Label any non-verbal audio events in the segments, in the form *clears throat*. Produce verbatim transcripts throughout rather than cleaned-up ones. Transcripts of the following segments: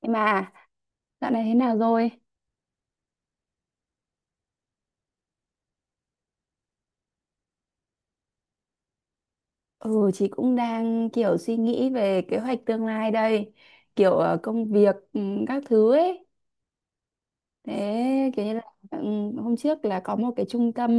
Nhưng mà dạo này thế nào rồi? Ừ, chị cũng đang kiểu suy nghĩ về kế hoạch tương lai đây, kiểu ờ, công việc ừ, các thứ ấy. Thế kiểu như là ừ, hôm trước là có một cái trung tâm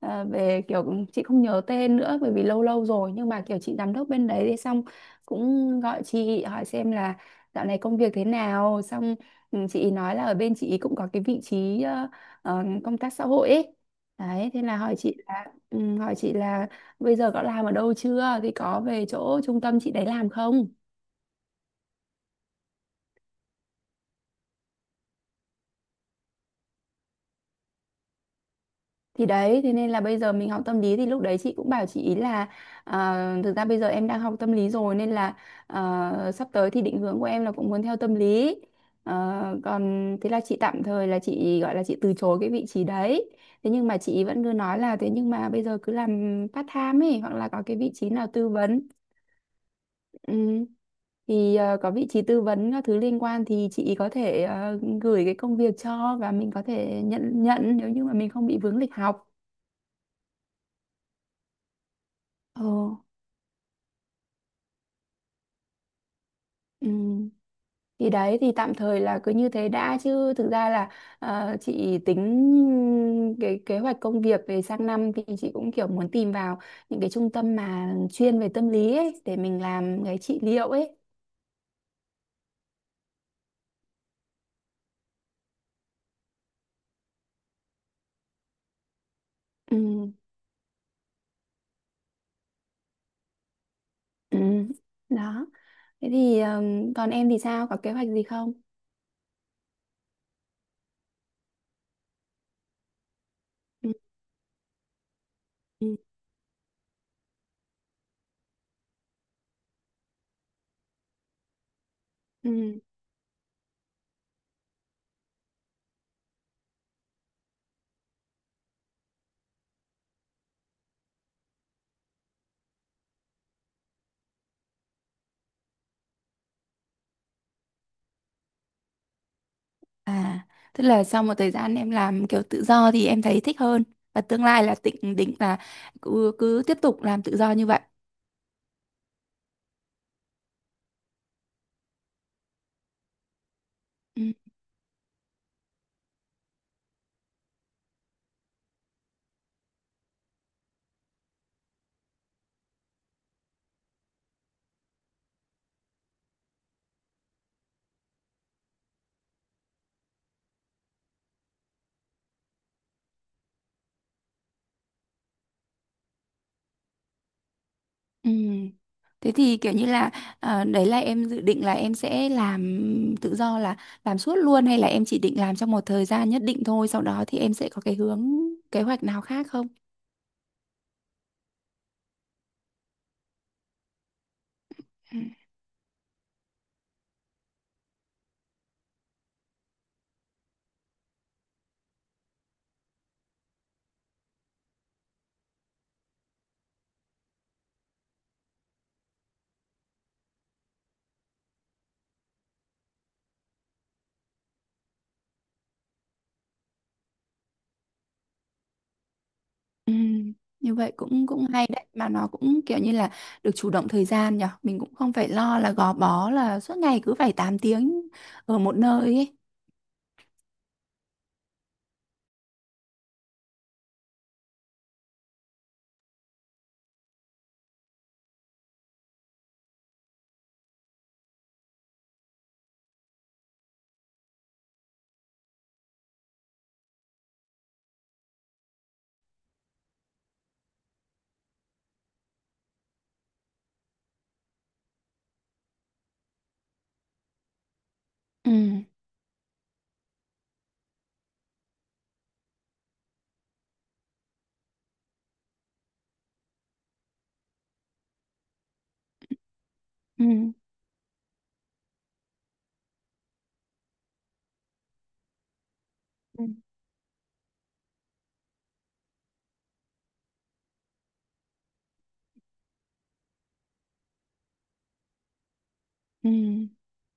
ờ, về kiểu chị không nhớ tên nữa bởi vì lâu lâu rồi nhưng mà kiểu chị giám đốc bên đấy thì xong cũng gọi chị hỏi xem là dạo này công việc thế nào xong ừ, chị ý nói là ở bên chị ý cũng có cái vị trí ờ, ờ, công tác xã hội ấy. Đấy, thế là hỏi chị là ừ, hỏi chị là bây giờ có làm ở đâu chưa thì có về chỗ trung tâm chị đấy làm không? Thì đấy, thế nên là bây giờ mình học tâm lý thì lúc đấy chị cũng bảo chị ý là à, thực ra bây giờ em đang học tâm lý rồi nên là à, sắp tới thì định hướng của em là cũng muốn theo tâm lý. Ờ, còn thế là chị tạm thời là chị gọi là chị từ chối cái vị trí đấy. Thế nhưng mà chị ý vẫn cứ nói là thế nhưng mà bây giờ cứ làm part time ấy hoặc là có cái vị trí nào tư vấn. Ừ. Thì ờ, có vị trí tư vấn các thứ liên quan thì chị có thể ờ, gửi cái công việc cho và mình có thể nhận nhận nếu như mà mình không bị vướng lịch học. Ờ, ừ. Thì đấy thì tạm thời là cứ như thế đã chứ thực ra là ờ, chị tính cái kế hoạch công việc về sang năm thì chị cũng kiểu muốn tìm vào những cái trung tâm mà chuyên về tâm lý ấy để mình làm cái trị liệu ấy. Ừ. Ừ. Đó. Thế thì ờm, còn em thì sao? Có kế hoạch gì không? Ừ. Ừ. Ừ. À, tức là sau một thời gian em làm kiểu tự do thì em thấy thích hơn và tương lai là định định là cứ, cứ tiếp tục làm tự do như vậy. Ừ. Thế thì kiểu như là ờ, đấy là em dự định là em sẽ làm tự do là làm suốt luôn hay là em chỉ định làm trong một thời gian nhất định thôi sau đó thì em sẽ có cái hướng kế hoạch nào khác không? Ừ. Ừ. Như vậy cũng cũng hay đấy mà nó cũng kiểu như là được chủ động thời gian nhở mình cũng không phải lo là gò bó là suốt ngày cứ phải tám tiếng ở một nơi ấy. Ừ. Ừ. Ừ. Ừ.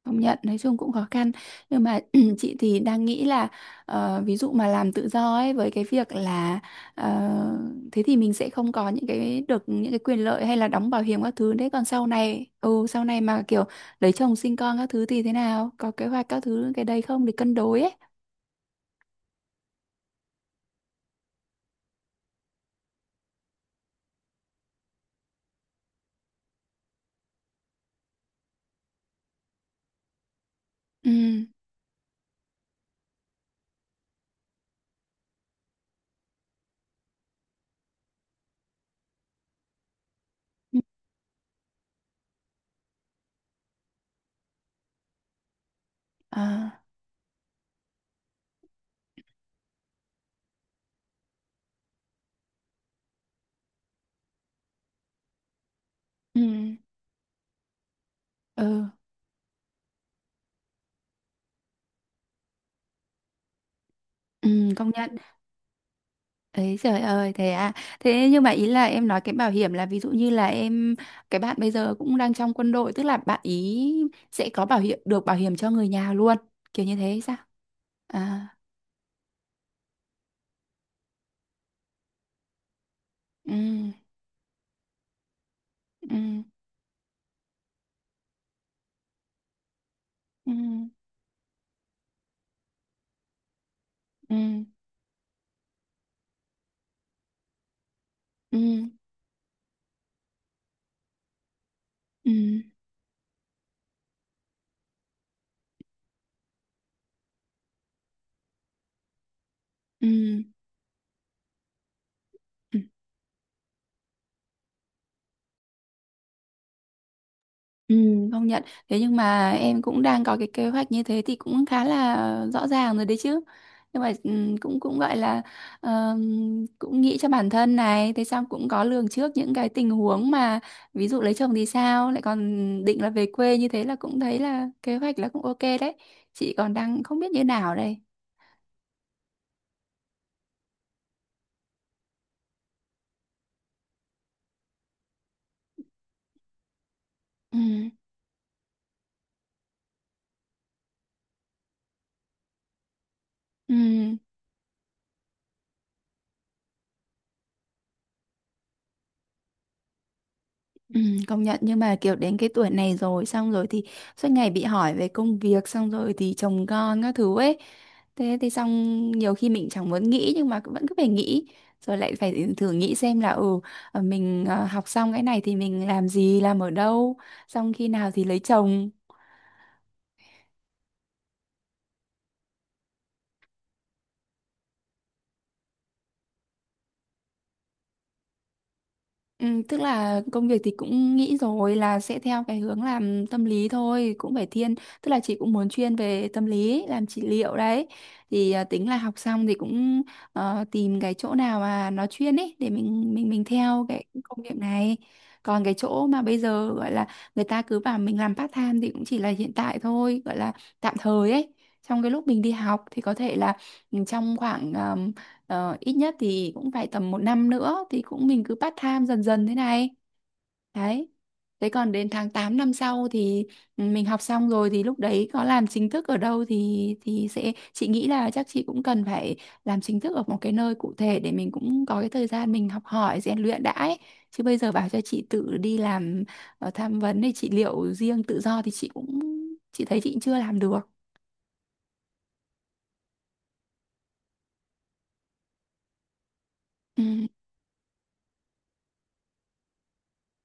Công nhận nói chung cũng khó khăn nhưng mà *clears throat* chị thì đang nghĩ là ờ, ví dụ mà làm tự do ấy với cái việc là ờ, thế thì mình sẽ không có những cái được những cái quyền lợi hay là đóng bảo hiểm các thứ đấy còn sau này ừ sau này mà kiểu lấy chồng sinh con các thứ thì thế nào có kế hoạch các thứ cái đấy không để cân đối ấy. Ừ, ừ. À, ừ, ừ. Ừ, công nhận. Ấy trời ơi, thế à? Thế nhưng mà ý là em nói cái bảo hiểm là ví dụ như là em cái bạn bây giờ cũng đang trong quân đội tức là bạn ý sẽ có bảo hiểm được bảo hiểm cho người nhà luôn kiểu như thế hay sao? À, ừ, ừ, ừ, ừ, ừ, ừ, ừ, ừ. Ừ, công nhận. Thế nhưng mà em cũng đang có cái kế hoạch như thế thì cũng khá là rõ ràng rồi đấy chứ. Nhưng mà ừ, cũng cũng gọi là ờm, cũng nghĩ cho bản thân này, thế xong cũng có lường trước những cái tình huống mà ví dụ lấy chồng thì sao, lại còn định là về quê như thế là cũng thấy là kế hoạch là cũng ok đấy. Chị còn đang không biết như nào đây. Ừ. Ừ. Ừ, công nhận nhưng mà kiểu đến cái tuổi này rồi xong rồi thì suốt ngày bị hỏi về công việc xong rồi thì chồng con các thứ ấy thế thì xong nhiều khi mình chẳng muốn nghĩ nhưng mà vẫn cứ phải nghĩ rồi lại phải thử nghĩ xem là ừ ờ, mình ờ, học xong cái này thì mình làm gì làm ở đâu xong khi nào thì lấy chồng. Ừ, tức là công việc thì cũng nghĩ rồi là sẽ theo cái hướng làm tâm lý thôi cũng phải thiên tức là chị cũng muốn chuyên về tâm lý làm trị liệu đấy thì à, tính là học xong thì cũng ờ, tìm cái chỗ nào mà nó chuyên ấy để mình mình mình theo cái công việc này còn cái chỗ mà bây giờ gọi là người ta cứ bảo mình làm part time thì cũng chỉ là hiện tại thôi gọi là tạm thời ấy trong cái lúc mình đi học thì có thể là ừ, trong khoảng Ờ, ít nhất thì cũng phải tầm một năm nữa thì cũng mình cứ part time dần dần thế này. Đấy. Thế còn đến tháng tám năm sau thì ừ, mình học xong rồi thì lúc đấy có làm chính thức ở đâu thì thì sẽ chị nghĩ là chắc chị cũng cần phải làm chính thức ở một cái nơi cụ thể để mình cũng có cái thời gian mình học hỏi rèn luyện đã ấy. Chứ bây giờ bảo cho chị tự đi làm ờ, tham vấn thì chị liệu riêng tự do thì chị cũng chị thấy chị chưa làm được. Ừ,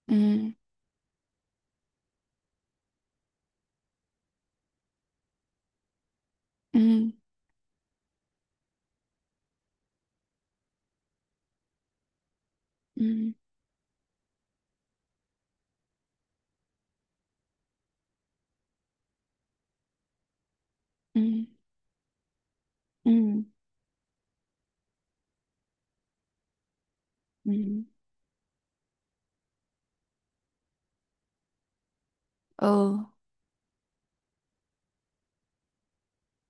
ừ, ừ, ừ, ừ, ừ. Ừ. Ừ. Ừ.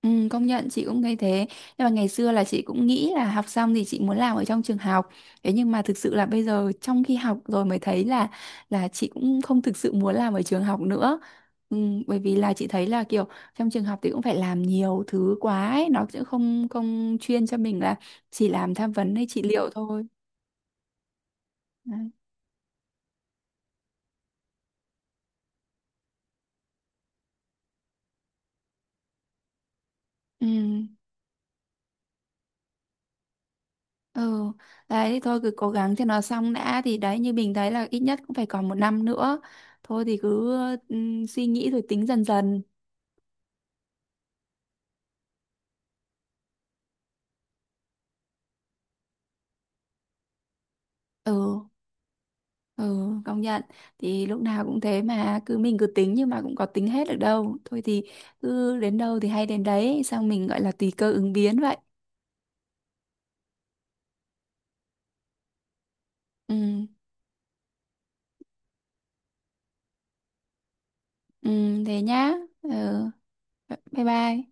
Ừ, công nhận chị cũng thấy thế nhưng mà ngày xưa là chị cũng nghĩ là học xong thì chị muốn làm ở trong trường học thế nhưng mà thực sự là bây giờ trong khi học rồi mới thấy là là chị cũng không thực sự muốn làm ở trường học nữa. ừ, Bởi vì là chị thấy là kiểu trong trường học thì cũng phải làm nhiều thứ quá ấy. Nó sẽ không không chuyên cho mình là chỉ làm tham vấn hay trị liệu thôi. Đấy. Ừ. Ừ, đấy thì thôi cứ cố gắng cho nó xong đã thì đấy như mình thấy là ít nhất cũng phải còn một năm nữa. Thôi thì cứ ừm, suy nghĩ rồi tính dần dần. Ừ, ừ, công nhận. Thì lúc nào cũng thế mà cứ mình cứ tính nhưng mà cũng có tính hết được đâu. Thôi thì cứ đến đâu thì hay đến đấy, xong mình gọi là tùy cơ ứng biến vậy. Ừ, ừ, thế nhá. Ừ, bye bye.